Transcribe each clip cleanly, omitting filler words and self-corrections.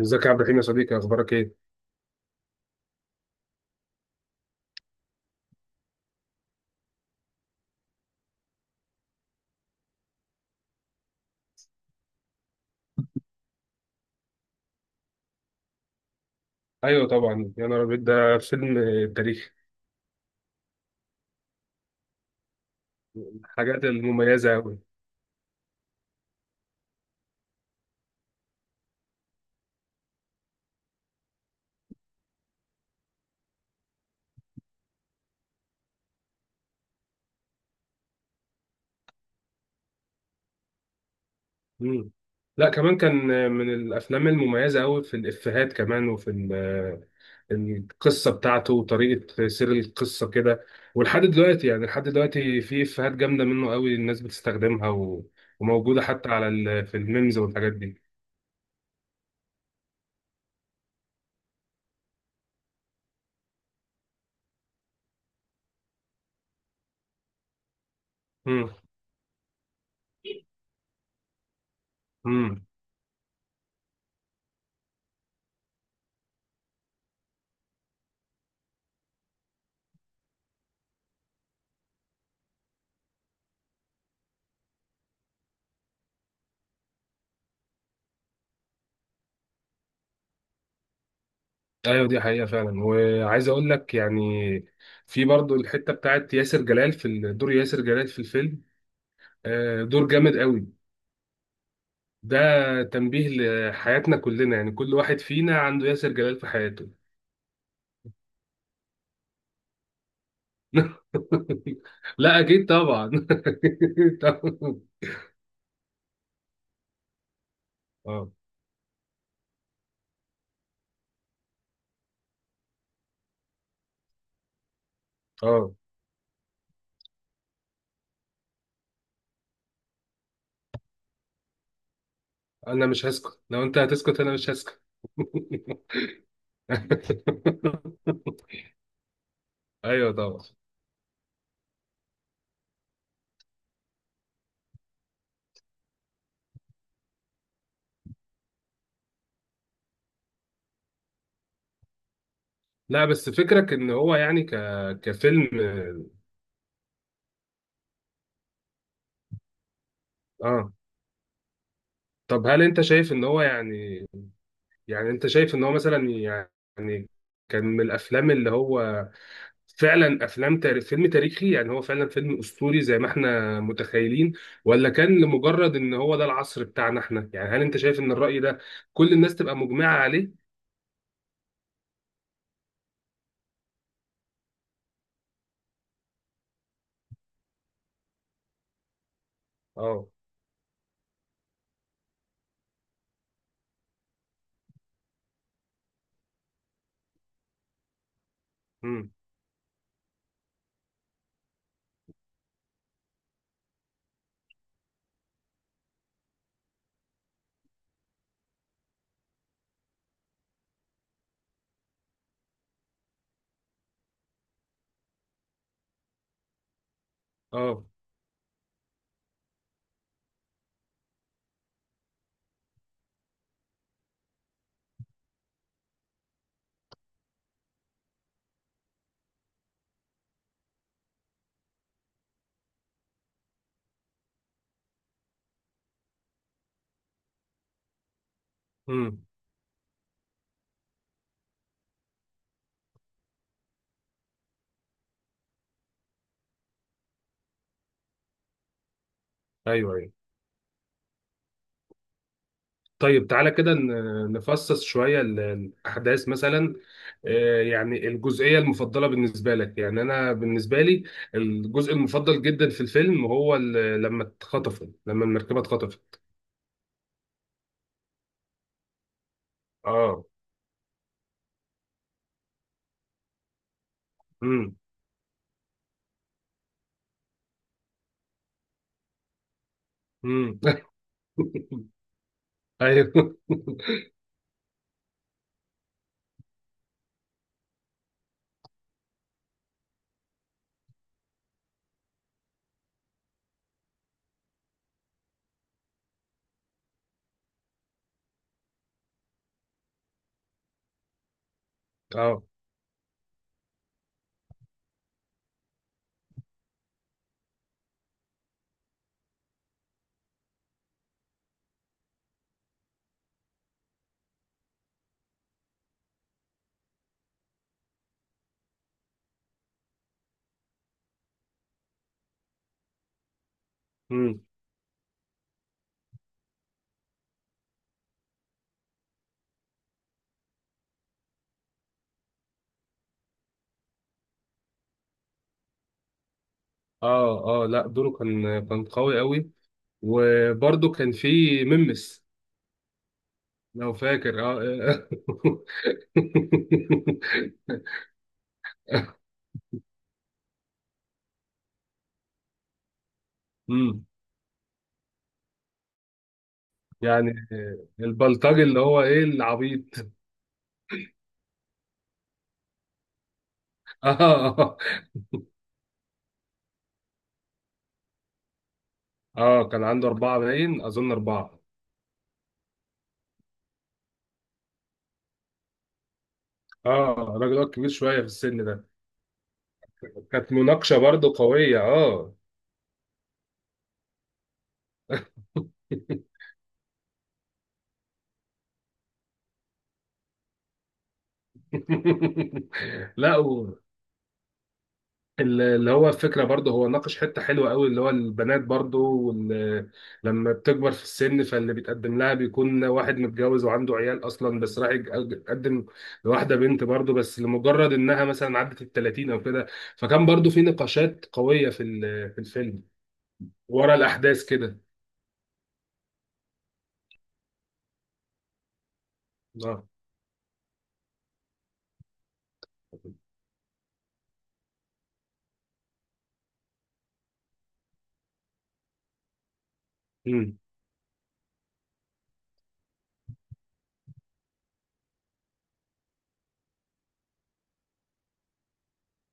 ازيك يا عبد الرحيم يا صديقي، اخبارك ايه؟ ايوه طبعا، يا نهار ابيض، ده فيلم تاريخي. الحاجات المميزه قوي. مم. لا، كمان كان من الافلام المميزه قوي في الافيهات كمان، وفي القصه بتاعته وطريقه سير القصه كده. ولحد دلوقتي يعني لحد دلوقتي في افيهات جامده منه قوي الناس بتستخدمها وموجوده حتى على في الميمز والحاجات دي. مم. ايوه دي حقيقة فعلا، وعايز اقول لك يعني في برضو الحتة بتاعت ياسر جلال في دور ياسر جلال في الفيلم. دور جامد قوي. ده تنبيه لحياتنا كلنا، يعني كل واحد فينا عنده ياسر جلال في حياته. لا اكيد طبعا. طبعاً. اه اه انا مش هسكت لو انت هتسكت، انا مش هسكت. ايوه طبعا. لا، بس فكرك ان هو يعني كفيلم، اه؟ طب هل انت شايف ان هو يعني، يعني انت شايف ان هو مثلا يعني كان من الافلام اللي هو فعلا افلام تاريخ فيلم تاريخي؟ يعني هو فعلا فيلم اسطوري زي ما احنا متخيلين؟ ولا كان لمجرد ان هو ده العصر بتاعنا احنا؟ يعني هل انت شايف ان الرأي ده كل الناس تبقى مجمعة عليه؟ اه. امم. اه. امم. ايوه ايوه. طيب، تعالى كده نفصص شوية الأحداث مثلا. يعني الجزئية المفضلة بالنسبة لك. يعني أنا بالنسبة لي الجزء المفضل جدا في الفيلم هو لما اتخطفوا، لما المركبة اتخطفت. اه. امم. امم. ايوه. اه. امم. اه اه، لا دوره كان كان قوي قوي. وبرده كان في ممس، لو فاكر، اه. امم. يعني البلطجي اللي هو ايه، العبيط. اه. اه، كان عنده اربعه، باين اظن اربعه. اه، الراجل ده كبير شويه في السن ده، كانت مناقشه برضو قويه، اه. لا، اللي هو الفكرة برضه، هو ناقش حتة حلوة قوي، اللي هو البنات برضه لما بتكبر في السن، فاللي بيتقدم لها بيكون واحد متجوز وعنده عيال أصلا، بس راح يتقدم لواحدة بنت برضه، بس لمجرد إنها مثلا عدت ال 30 أو كده. فكان برضه في نقاشات قوية في في الفيلم ورا الأحداث كده. اه. امم.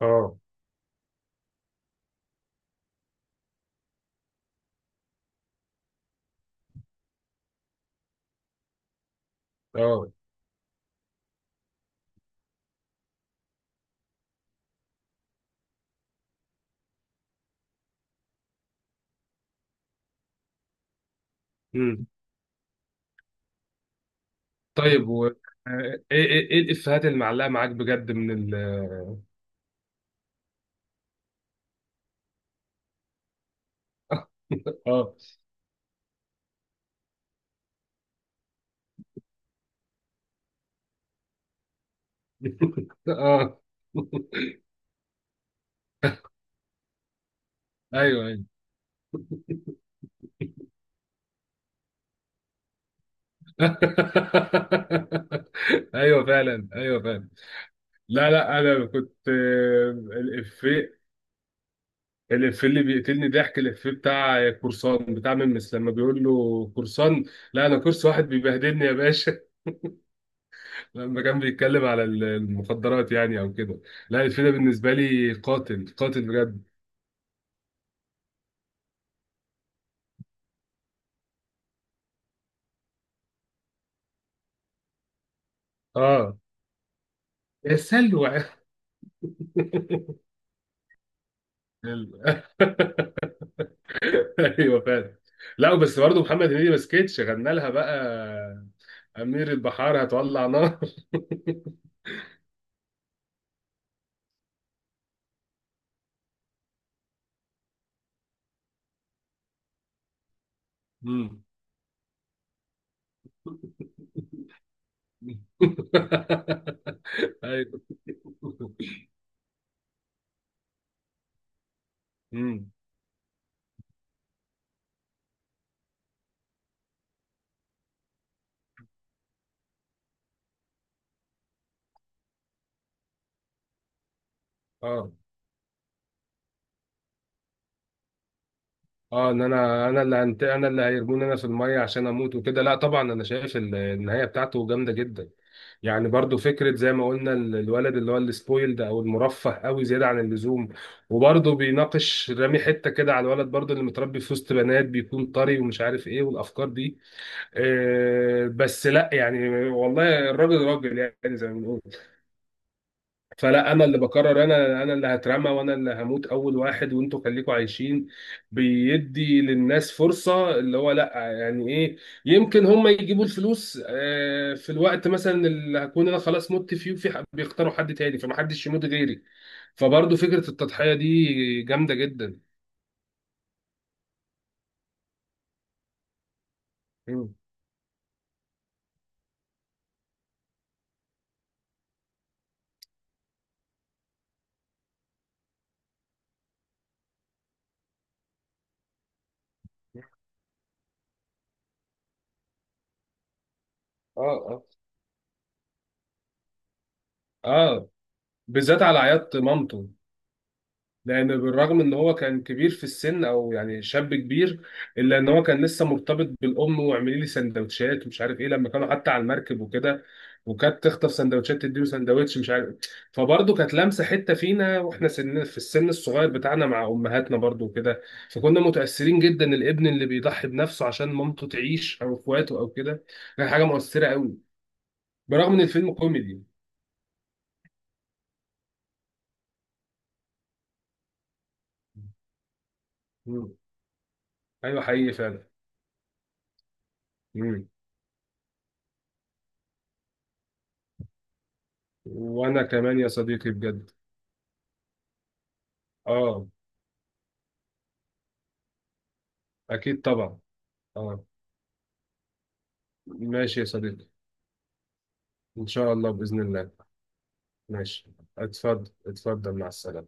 اه. اه. امم. طيب، و ايه ايه الإفيهات اللي معلقة معاك بجد من ال؟ اه. اه. ايوه ايوه. ايوه فعلا، ايوه فعلا. لا لا، انا كنت، الافيه اللي بيقتلني ضحك، الافيه بتاع قرصان، بتاع ممس، لما بيقول له قرصان، لا انا قرص واحد بيبهدلني يا باشا. لما كان بيتكلم على المخدرات، يعني او كده. لا، الافيه ده بالنسبه لي قاتل قاتل بجد. اه، يا سلوى. ايوه فعلا. لا بس برضه محمد هنيدي ما سكتش، غنى لها بقى: أمير البحار هتولع نار. مم. أيوه. مم. اه اه ان انا انا اللي انا اللي هيرموني انا في الميه عشان اموت وكده. لا طبعا، انا شايف النهايه بتاعته جامده جدا. يعني برضو فكره زي ما قلنا الولد اللي هو السبويلد او المرفه قوي زياده عن اللزوم، وبرضو بيناقش رامي حته كده على الولد برضو، اللي متربي في وسط بنات بيكون طري ومش عارف ايه والافكار دي. آه بس لا، يعني والله الراجل راجل، يعني زي ما بنقول. فلا، انا اللي بقرر، انا اللي هترمى وانا اللي هموت اول واحد، وانتوا خليكوا عايشين. بيدي للناس فرصة، اللي هو، لا يعني ايه، يمكن هم يجيبوا الفلوس في الوقت مثلا اللي هكون انا خلاص مت فيه، وفي بيختاروا حد تاني فمحدش يموت غيري. فبرضه فكرة التضحية دي جامدة جدا. مم. اه. اه. اه، بالذات على عياط مامته. لان بالرغم ان هو كان كبير في السن او يعني شاب كبير، الا ان هو كان لسه مرتبط بالام، واعملي لي سندوتشات ومش عارف ايه، لما كانوا حتى على المركب وكده، وكانت تخطف سندوتشات تديله سندوتش، مش عارف. فبرضه كانت لامسه حته فينا واحنا في السن الصغير بتاعنا مع امهاتنا برضه وكده. فكنا متاثرين جدا، الابن اللي بيضحي بنفسه عشان مامته تعيش او اخواته او كده، كان حاجه مؤثره قوي، برغم ان الفيلم كوميدي. مم. ايوه حقيقي فعلا. مم. وانا كمان يا صديقي، بجد. اه. اكيد طبعا. اه. ماشي يا صديقي، ان شاء الله، باذن الله. ماشي. اتفضل، اتفضل، مع السلامه.